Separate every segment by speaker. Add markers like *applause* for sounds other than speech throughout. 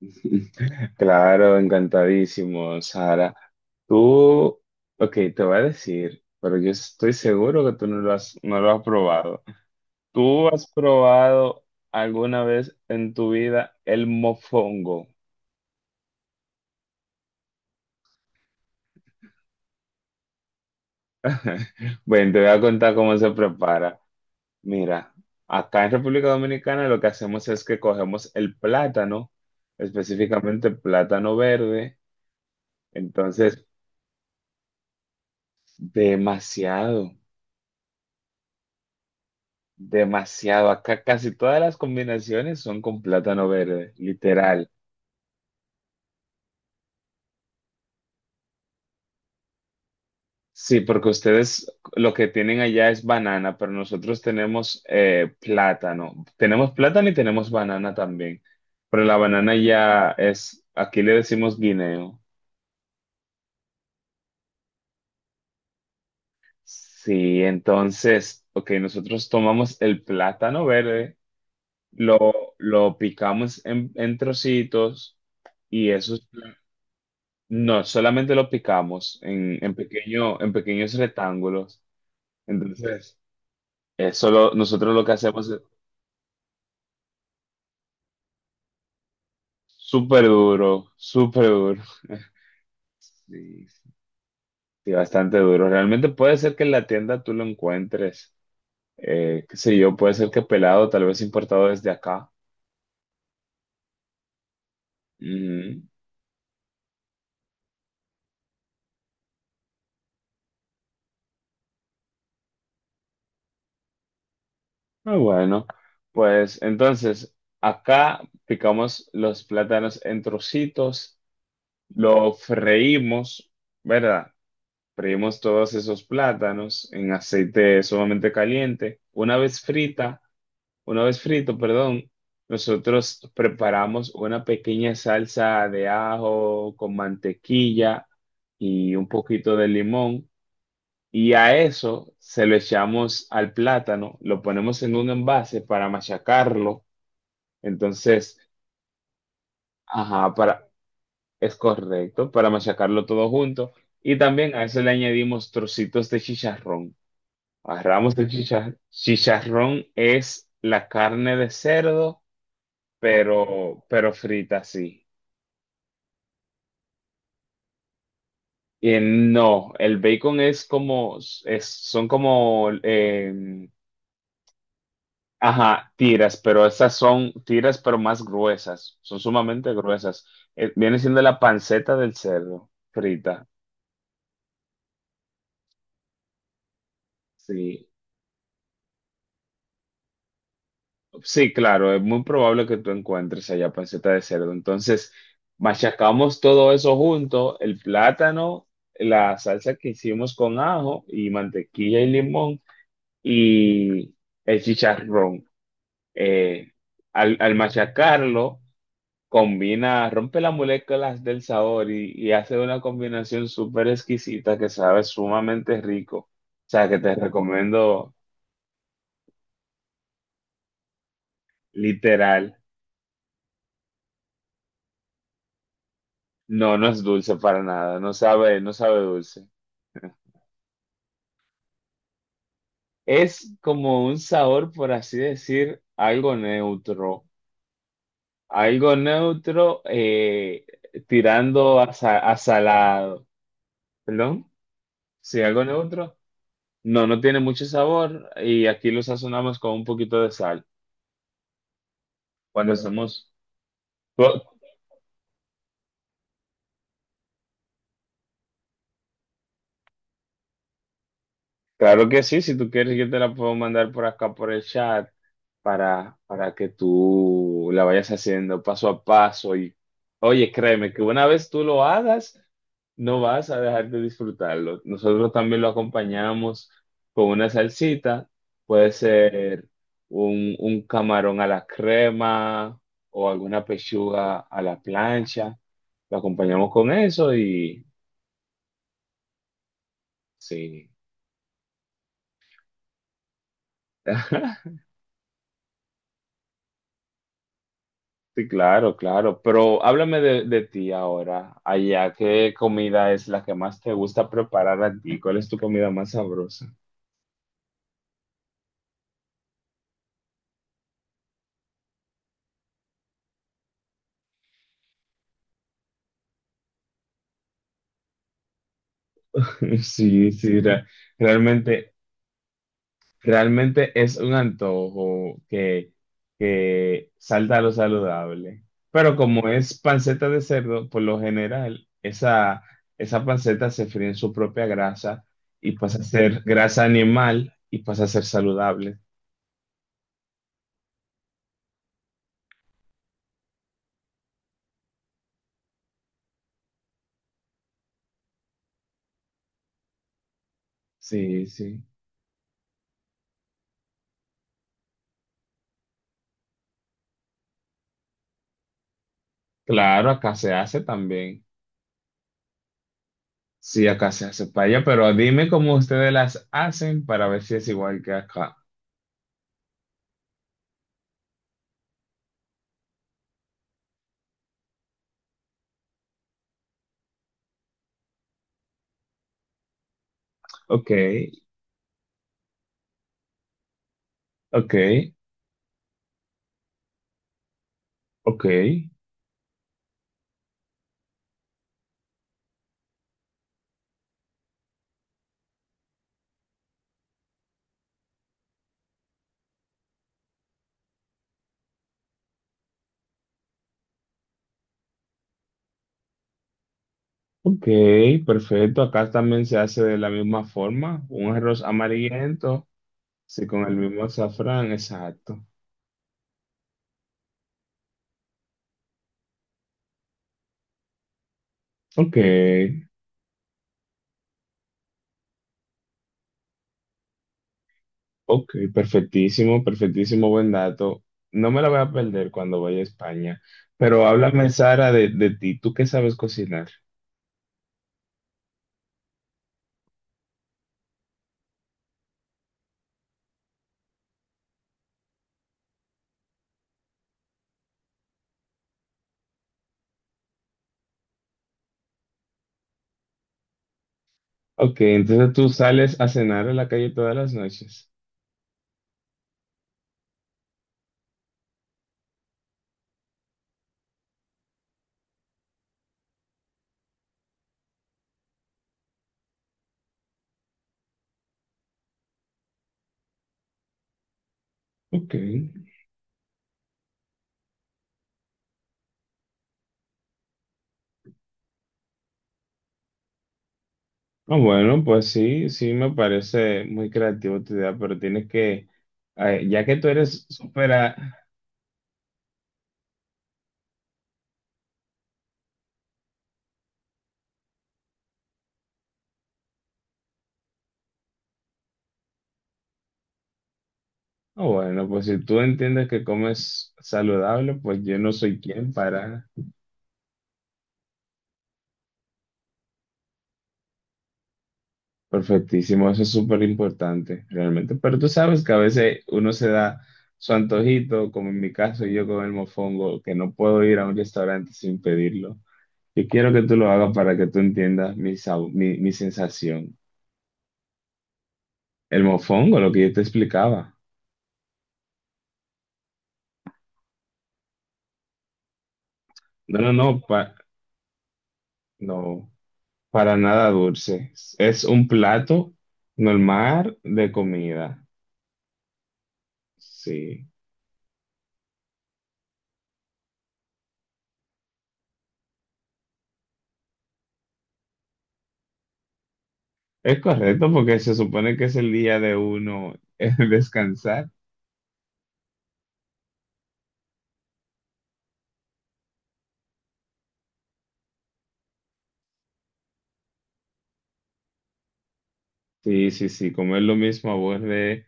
Speaker 1: *laughs* Claro, encantadísimo, Sara. Tú, ok, te voy a decir, pero yo estoy seguro que tú no lo has probado. ¿Tú has probado alguna vez en tu vida el mofongo? *laughs* Bueno, te voy a contar cómo se prepara. Mira, acá en República Dominicana lo que hacemos es que cogemos el plátano, específicamente plátano verde, entonces demasiado. Demasiado. Acá casi todas las combinaciones son con plátano verde, literal. Sí, porque ustedes lo que tienen allá es banana, pero nosotros tenemos plátano. Tenemos plátano y tenemos banana también. Pero la banana ya es, aquí le decimos guineo. Sí, entonces, ok, nosotros tomamos el plátano verde, lo, lo picamos en trocitos y eso. No, solamente lo picamos en pequeño, en pequeños rectángulos. Entonces, nosotros lo que hacemos es súper duro, súper duro. *laughs* Sí, sí, bastante duro. Realmente puede ser que en la tienda tú lo encuentres, qué sé yo, puede ser que pelado, tal vez importado desde acá. Ujú. Muy bueno, pues entonces acá picamos los plátanos en trocitos, lo freímos, ¿verdad? Freímos todos esos plátanos en aceite sumamente caliente. Una vez frito, perdón, nosotros preparamos una pequeña salsa de ajo con mantequilla y un poquito de limón. Y a eso se lo echamos al plátano, lo ponemos en un envase para machacarlo. Entonces, ajá, es correcto, para machacarlo todo junto. Y también a eso le añadimos trocitos de chicharrón. Agarramos el chicharrón, es la carne de cerdo, pero frita sí. Y no, el bacon es como, son como, ajá, tiras, pero más gruesas, son sumamente gruesas. Viene siendo la panceta del cerdo, frita, sí. Sí, claro, es muy probable que tú encuentres allá panceta de cerdo. Entonces, machacamos todo eso junto, el plátano, la salsa que hicimos con ajo y mantequilla y limón y el chicharrón. Eh, al machacarlo, combina, rompe las moléculas del sabor y hace una combinación súper exquisita que sabe sumamente rico. O sea, que te recomiendo literal. No, no es dulce para nada, no sabe, no sabe dulce. Es como un sabor, por así decir, algo neutro tirando a, a salado. ¿Perdón? Sí, algo neutro. No, no tiene mucho sabor y aquí lo sazonamos con un poquito de sal. Cuando hacemos, ¿tú? Claro que sí, si tú quieres yo te la puedo mandar por acá por el chat para que tú la vayas haciendo paso a paso y oye, créeme que una vez tú lo hagas, no vas a dejar de disfrutarlo. Nosotros también lo acompañamos con una salsita, puede ser un camarón a la crema o alguna pechuga a la plancha, lo acompañamos con eso y sí. *laughs* Sí, claro, claro. Pero háblame de ti ahora. Allá, ¿qué comida es la que más te gusta preparar a ti? ¿Cuál es tu comida más sabrosa? *laughs* Sí, sí, realmente, realmente es un antojo que salta a lo saludable. Pero como es panceta de cerdo, por lo general, esa panceta se fríe en su propia grasa y pasa a ser grasa animal y pasa a ser saludable. Sí, sí. Claro, acá se hace también. Sí, acá se hace paella, pero dime cómo ustedes las hacen para ver si es igual que acá. Ok, ok, ok, ok, perfecto. Acá también se hace de la misma forma. Un arroz amarillento, sí, con el mismo azafrán, exacto. Ok, ok, perfectísimo, perfectísimo, buen dato. No me la voy a perder cuando vaya a España. Pero háblame, Sara, de ti. ¿Tú qué sabes cocinar? Ok, entonces tú sales a cenar a la calle todas las noches. Ok. Ah, bueno, pues sí, sí me parece muy creativo tu idea, pero tienes que, ya que tú eres súper... a- Ah, bueno, pues si tú entiendes que comes saludable, pues yo no soy quien para... Perfectísimo, eso es súper importante, realmente. Pero tú sabes que a veces uno se da su antojito, como en mi caso yo con el mofongo, que no puedo ir a un restaurante sin pedirlo. Yo quiero que tú lo hagas para que tú entiendas mi sensación. El mofongo, lo que yo te explicaba. No, no, no, pa- no, para nada dulce. Es un plato normal de comida. Sí, es correcto porque se supone que es el día de uno *laughs* descansar. Sí, sí, sí, comer lo mismo aburre.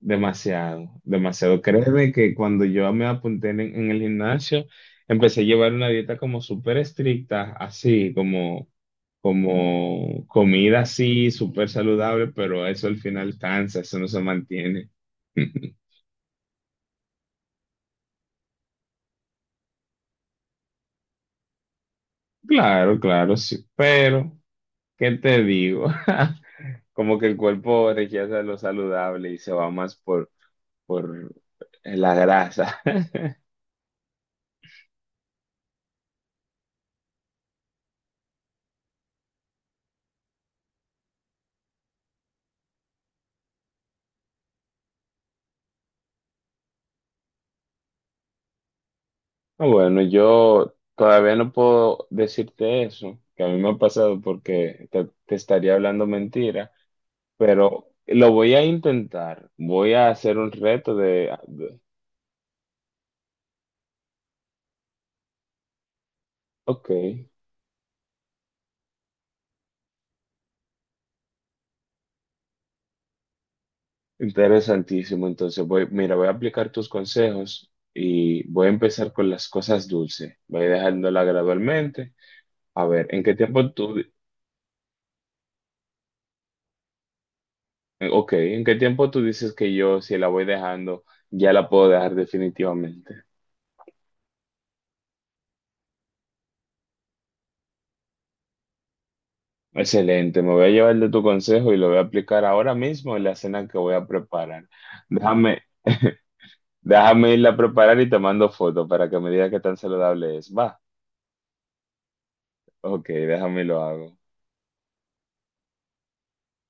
Speaker 1: Demasiado, demasiado. Créeme que cuando yo me apunté en el gimnasio, empecé a llevar una dieta como súper estricta, así como, como comida así, súper saludable, pero eso al final cansa, eso no se mantiene. *laughs* Claro, claro, sí. Pero, ¿qué te digo? *laughs* Como que el cuerpo rechaza lo saludable y se va más por la grasa. *laughs* Ah, bueno, yo todavía no puedo decirte eso, que a mí me ha pasado porque te estaría hablando mentira, pero lo voy a intentar. Voy a hacer un reto de- Ok, interesantísimo. Entonces, voy, mira, voy a aplicar tus consejos y voy a empezar con las cosas dulces. Voy dejándola gradualmente. A ver, ¿en qué tiempo tú... Ok, ¿en qué tiempo tú dices que yo, si la voy dejando, ya la puedo dejar definitivamente? Excelente, me voy a llevar de tu consejo y lo voy a aplicar ahora mismo en la cena que voy a preparar. Déjame, *laughs* déjame irla a preparar y te mando foto para que me digas qué tan saludable es. Va, ok, déjame y lo hago.